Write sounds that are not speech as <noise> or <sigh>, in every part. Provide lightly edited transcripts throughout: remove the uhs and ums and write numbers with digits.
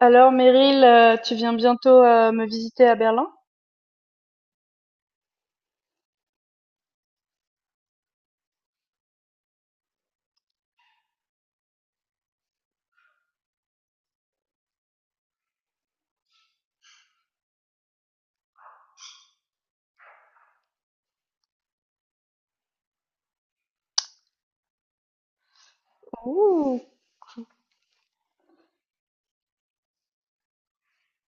Alors Meryl, tu viens bientôt me visiter à Berlin? Ouh.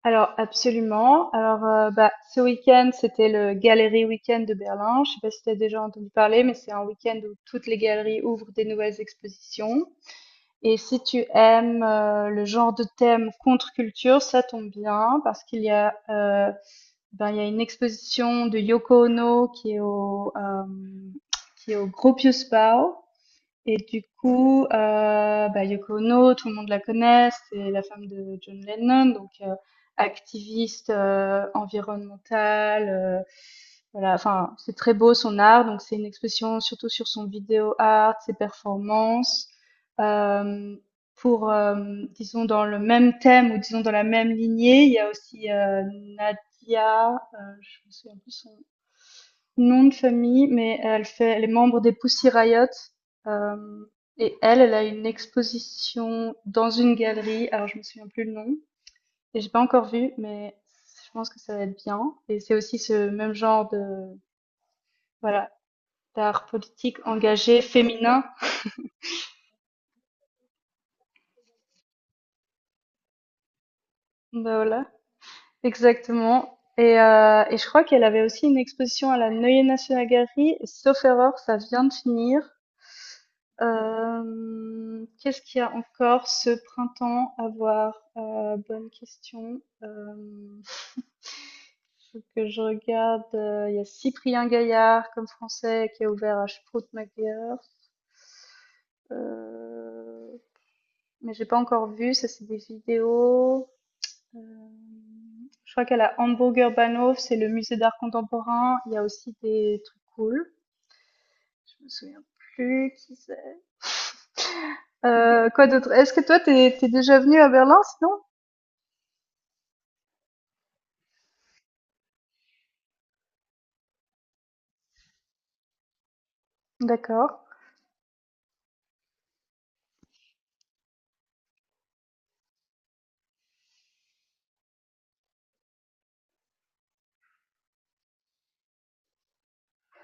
Alors absolument. Alors bah ce week-end c'était le Galerie Week-end de Berlin. Je sais pas si tu as déjà entendu parler, mais c'est un week-end où toutes les galeries ouvrent des nouvelles expositions. Et si tu aimes le genre de thème contre-culture, ça tombe bien parce qu'il y a ben il y a une exposition de Yoko Ono qui est au Gropius Bau. Et du coup, bah, Yoko Ono, tout le monde la connaît, c'est la femme de John Lennon, donc activiste, environnementale, voilà, enfin, c'est très beau son art, donc c'est une expression surtout sur son vidéo art, ses performances. Hem, pour, disons dans le même thème ou disons dans la même lignée, il y a aussi, Nadia, je me souviens plus son nom de famille, mais elle fait les membres des Pussy Riot, hem, et elle a une exposition dans une galerie, alors je me souviens plus le nom et j'ai pas encore vu, mais je pense que ça va être bien et c'est aussi ce même genre de voilà, d'art politique engagé féminin. Bah, voilà, exactement et je crois qu'elle avait aussi une exposition à la Neue Nationalgalerie et sauf erreur, ça vient de finir. Qu'est-ce qu'il y a encore ce printemps à voir? Bonne question. Faut que je regarde, il y a Cyprien Gaillard comme français qui a ouvert à Sproutmacher. Heu, mais j'ai pas encore vu, ça c'est des vidéos. Je crois qu'à la Hamburger Bahnhof, c'est le musée d'art contemporain, il y a aussi des trucs cool. Je me souviens plus qui c'est. Quoi d'autre? Est-ce que toi t'es es déjà venu à Berlin sinon? D'accord.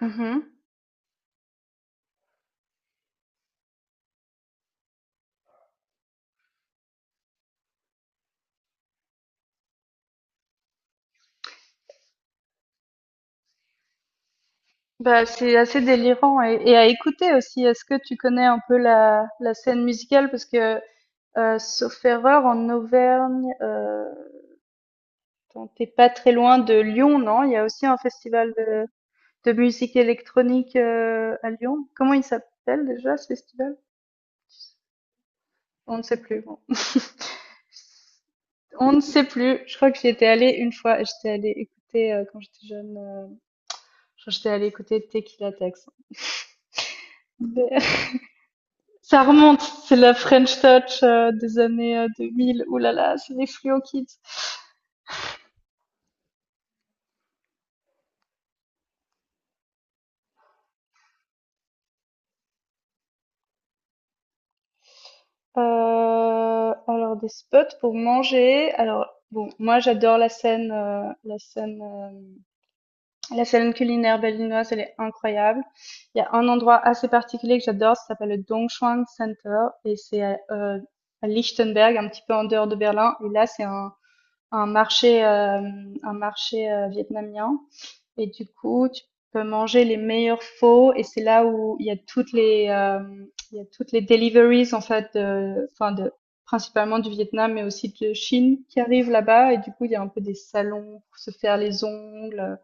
Mmh. Bah, c'est assez délirant et à écouter aussi. Est-ce que tu connais un peu la scène musicale? Parce que, sauf erreur, en Auvergne, attends, tu pas très loin de Lyon, non? Il y a aussi un festival de musique électronique, à Lyon. Comment il s'appelle déjà ce festival? On ne sait plus, bon. <laughs> On ne sait plus. Je crois que j'y étais allée une fois et j'étais allée écouter, quand j'étais jeune, je crois que j'étais allée écouter Tequila Tex. Ça remonte, c'est la French touch, des années, 2000. Ouh là là, c'est les Fluo Kids. Heu, alors des spots pour manger, alors bon, moi j'adore la scène, la scène, la scène culinaire berlinoise, elle est incroyable. Il y a un endroit assez particulier que j'adore, ça s'appelle le Dongchuan Center et c'est à Lichtenberg, un petit peu en dehors de Berlin et là c'est un marché, un marché, vietnamien. Et du coup, tu peux manger les meilleurs faux et c'est là où il y a toutes les il y a toutes les deliveries en fait de enfin de principalement du Vietnam mais aussi de Chine qui arrivent là-bas et du coup, il y a un peu des salons pour se faire les ongles.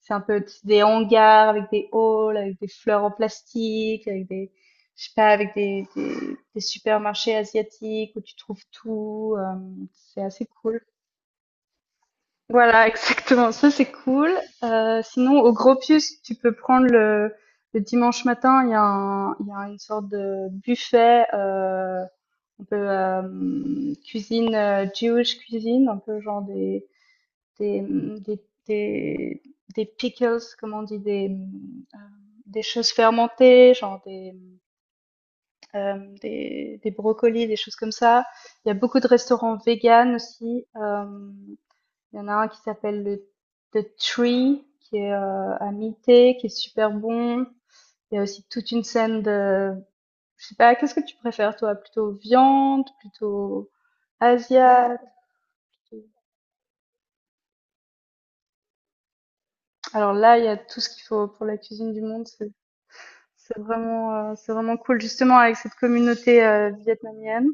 C'est un peu des hangars avec des halls, avec des fleurs en plastique, avec des je sais pas avec des supermarchés asiatiques où tu trouves tout. C'est assez cool. Voilà, exactement, ça c'est cool. Sinon au Gropius, tu peux prendre le dimanche matin, il y a un il y a une sorte de buffet, un peu, cuisine, Jewish cuisine, un peu genre des, mmh, des des des pickles, comment on dit? Des choses fermentées, genre des brocolis, des choses comme ça. Il y a beaucoup de restaurants véganes aussi, hem il y en a un qui s'appelle le The Tree, qui est à mi-té, qui est super bon. Il y a aussi toute une scène de, je sais pas, qu'est-ce que tu préfères toi, plutôt viande, plutôt asiat. Alors là, il y a tout ce qu'il faut pour la cuisine du monde. C'est vraiment cool, justement avec cette communauté vietnamienne.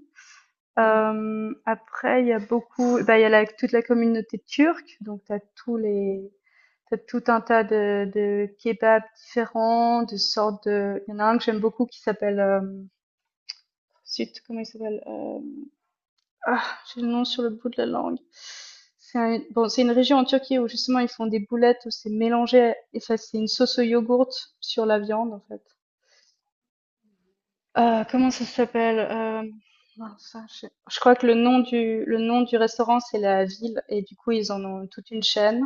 Après, il y a beaucoup, bah, il y a la- toute la communauté turque, donc t'as tous les, t'as tout un tas de kebabs différents, de sortes de. Il y en a un que j'aime beaucoup qui s'appelle. Zut, comment il s'appelle? Ah, j'ai le nom sur le bout de la langue. C'est un- bon, c'est une région en Turquie où justement ils font des boulettes où c'est mélangé et ça c'est une sauce au yogourt sur la viande en fait. Comment ça s'appelle? Mince, je crois que le nom du restaurant, c'est la ville et du coup, ils en ont toute une chaîne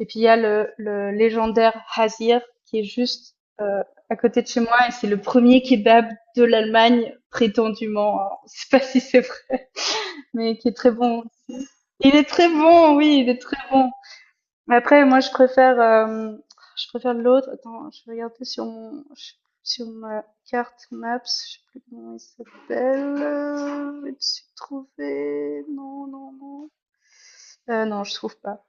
et puis il y a le légendaire Hasir qui est juste, à côté de chez moi et c'est le premier kebab de l'Allemagne prétendument, alors je sais pas si c'est vrai, mais qui est très bon. Il est très bon, oui, il est très bon. Mais après, moi, je préfère l'autre. Attends, je vais regarder sur mon, sur ma carte Maps. Je sais plus comment il s'appelle. Je vais suis trouvé. Non, non, non. Non, je trouve pas.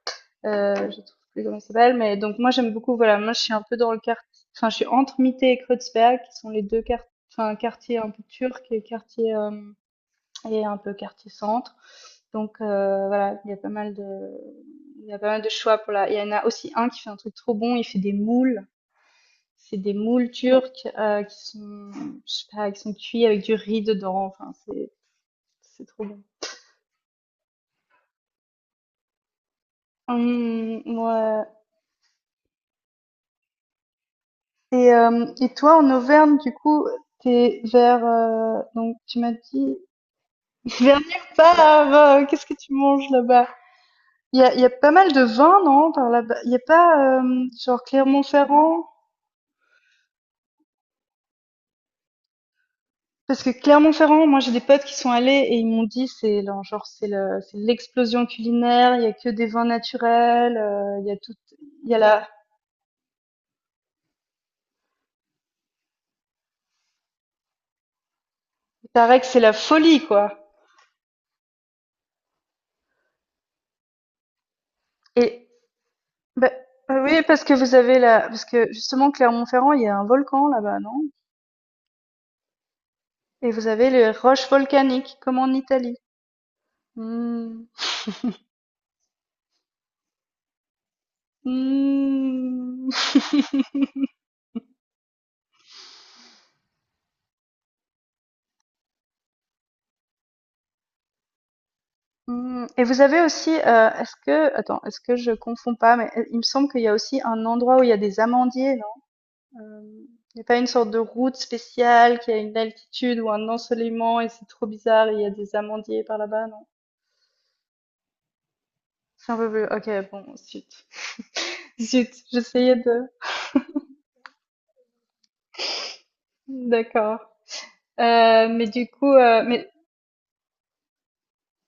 Je trouve plus comment il s'appelle. Mais donc, moi, j'aime beaucoup. Voilà, moi, je suis un peu dans le quartier. Enfin, je suis entre Mitte et Kreuzberg, qui sont les deux quart- enfin, quartiers un peu turcs et quartiers et un peu quartier centre. Donc voilà, il y a pas mal de, il y a pas mal de choix pour la. Il y en a aussi un qui fait un truc trop bon. Il fait des moules. C'est des moules turques qui sont, je sais pas, qui sont cuits avec du riz dedans. Enfin, c'est trop bon. Ouais. Et toi, en Auvergne, du coup, t'es vers, donc tu m'as dit <laughs> vers nulle part. Qu'est-ce que tu manges là-bas? Il y a pas mal de vins, non, par là-bas. Il y a pas genre Clermont-Ferrand. Parce que Clermont-Ferrand, moi j'ai des potes qui sont allés et ils m'ont dit c'est le- genre c'est le- c'est l'explosion culinaire, il y a que des vins naturels, il y a tout, il y a la, il paraît que c'est la folie quoi. Et bah, bah oui parce que vous avez la, parce que justement Clermont-Ferrand il y a un volcan là-bas non? Et vous avez les roches volcaniques comme en Italie. Hmm. Hmm. Hmm. Et vous avez aussi, est-ce que, attends, est-ce que je confonds pas, mais il me semble qu'il y a aussi un endroit où il y a des amandiers, Hem, il y a pas une sorte de route spéciale qui a une altitude ou un ensoleillement et c'est trop bizarre, et il y a des amandiers par là-bas, non? C'est un peu plus OK, bon, zut. <laughs> Zut, j'essayais de d'accord. Mais du coup, mais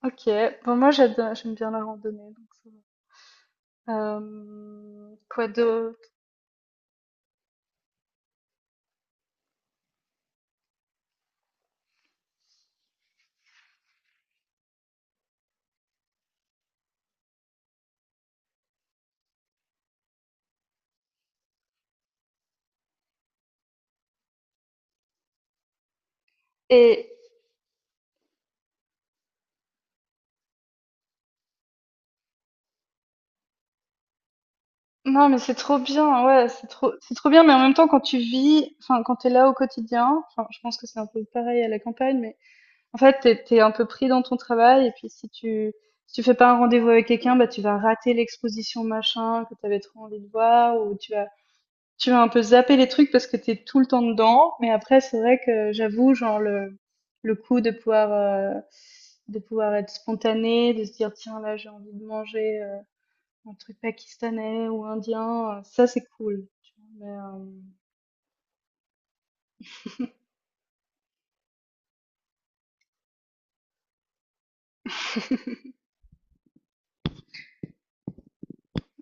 OK, bon moi j'ado j'aime bien la randonnée donc ça va. Quoi d'autre? Et non, mais c'est trop bien, ouais, c'est trop bien, mais en même temps quand tu vis, enfin quand tu es là au quotidien, enfin je pense que c'est un peu pareil à la campagne, mais en fait, t'es un peu pris dans ton travail et puis si tu si tu fais pas un rendez-vous avec quelqu'un, bah tu vas rater l'exposition machin que t'avais trop envie de voir ou tu vas un peu zapper les trucs parce que t'es tout le temps dedans. Mais après, c'est vrai que j'avoue, genre le coup de pouvoir être spontané, de se dire tiens là j'ai envie de manger un truc pakistanais ou indien, ça c'est cool. tu vois. Mais,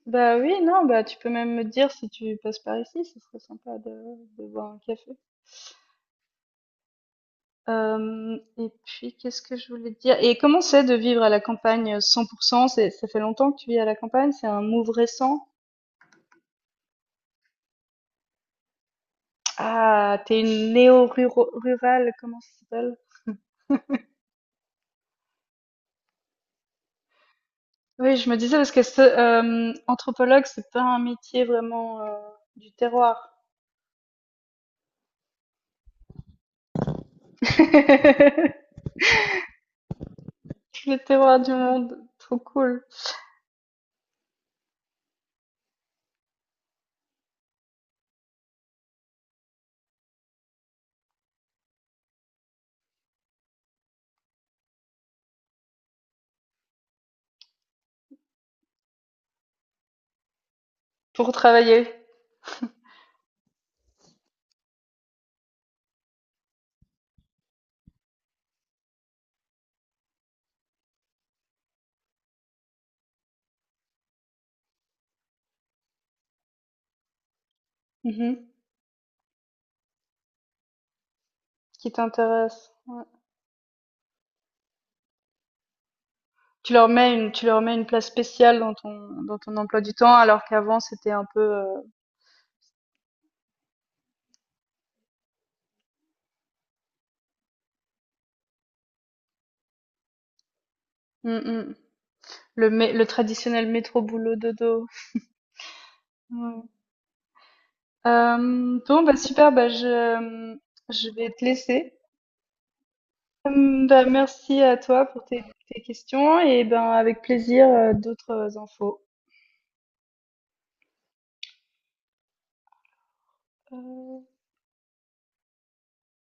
bah oui, non, bah tu peux même me dire si tu passes par ici, ce serait sympa de boire un café. Hem et puis qu'est-ce que je voulais te dire? Et comment c'est de vivre à la campagne, 100 c'est ça fait longtemps que tu vis à la campagne? C'est un move récent? Ah, t'es une néo rurale, comment ça s'appelle? Oui, je me disais parce que ce, anthropologue, c'est pas un métier vraiment, du terroir. <laughs> Le terroir du monde, trop cool. Pour travailler. Mmh. Qui t'intéresse, ouais. Tu leur mets une tu leur mets une place spéciale dans ton emploi du temps alors qu'avant c'était un peu, mmh mh. Le, mé- le traditionnel métro boulot dodo. Ouais. Bon, bah super, bah je vais te laisser. Bah, merci à toi pour tes, tes questions et ben avec plaisir d'autres infos. Euh,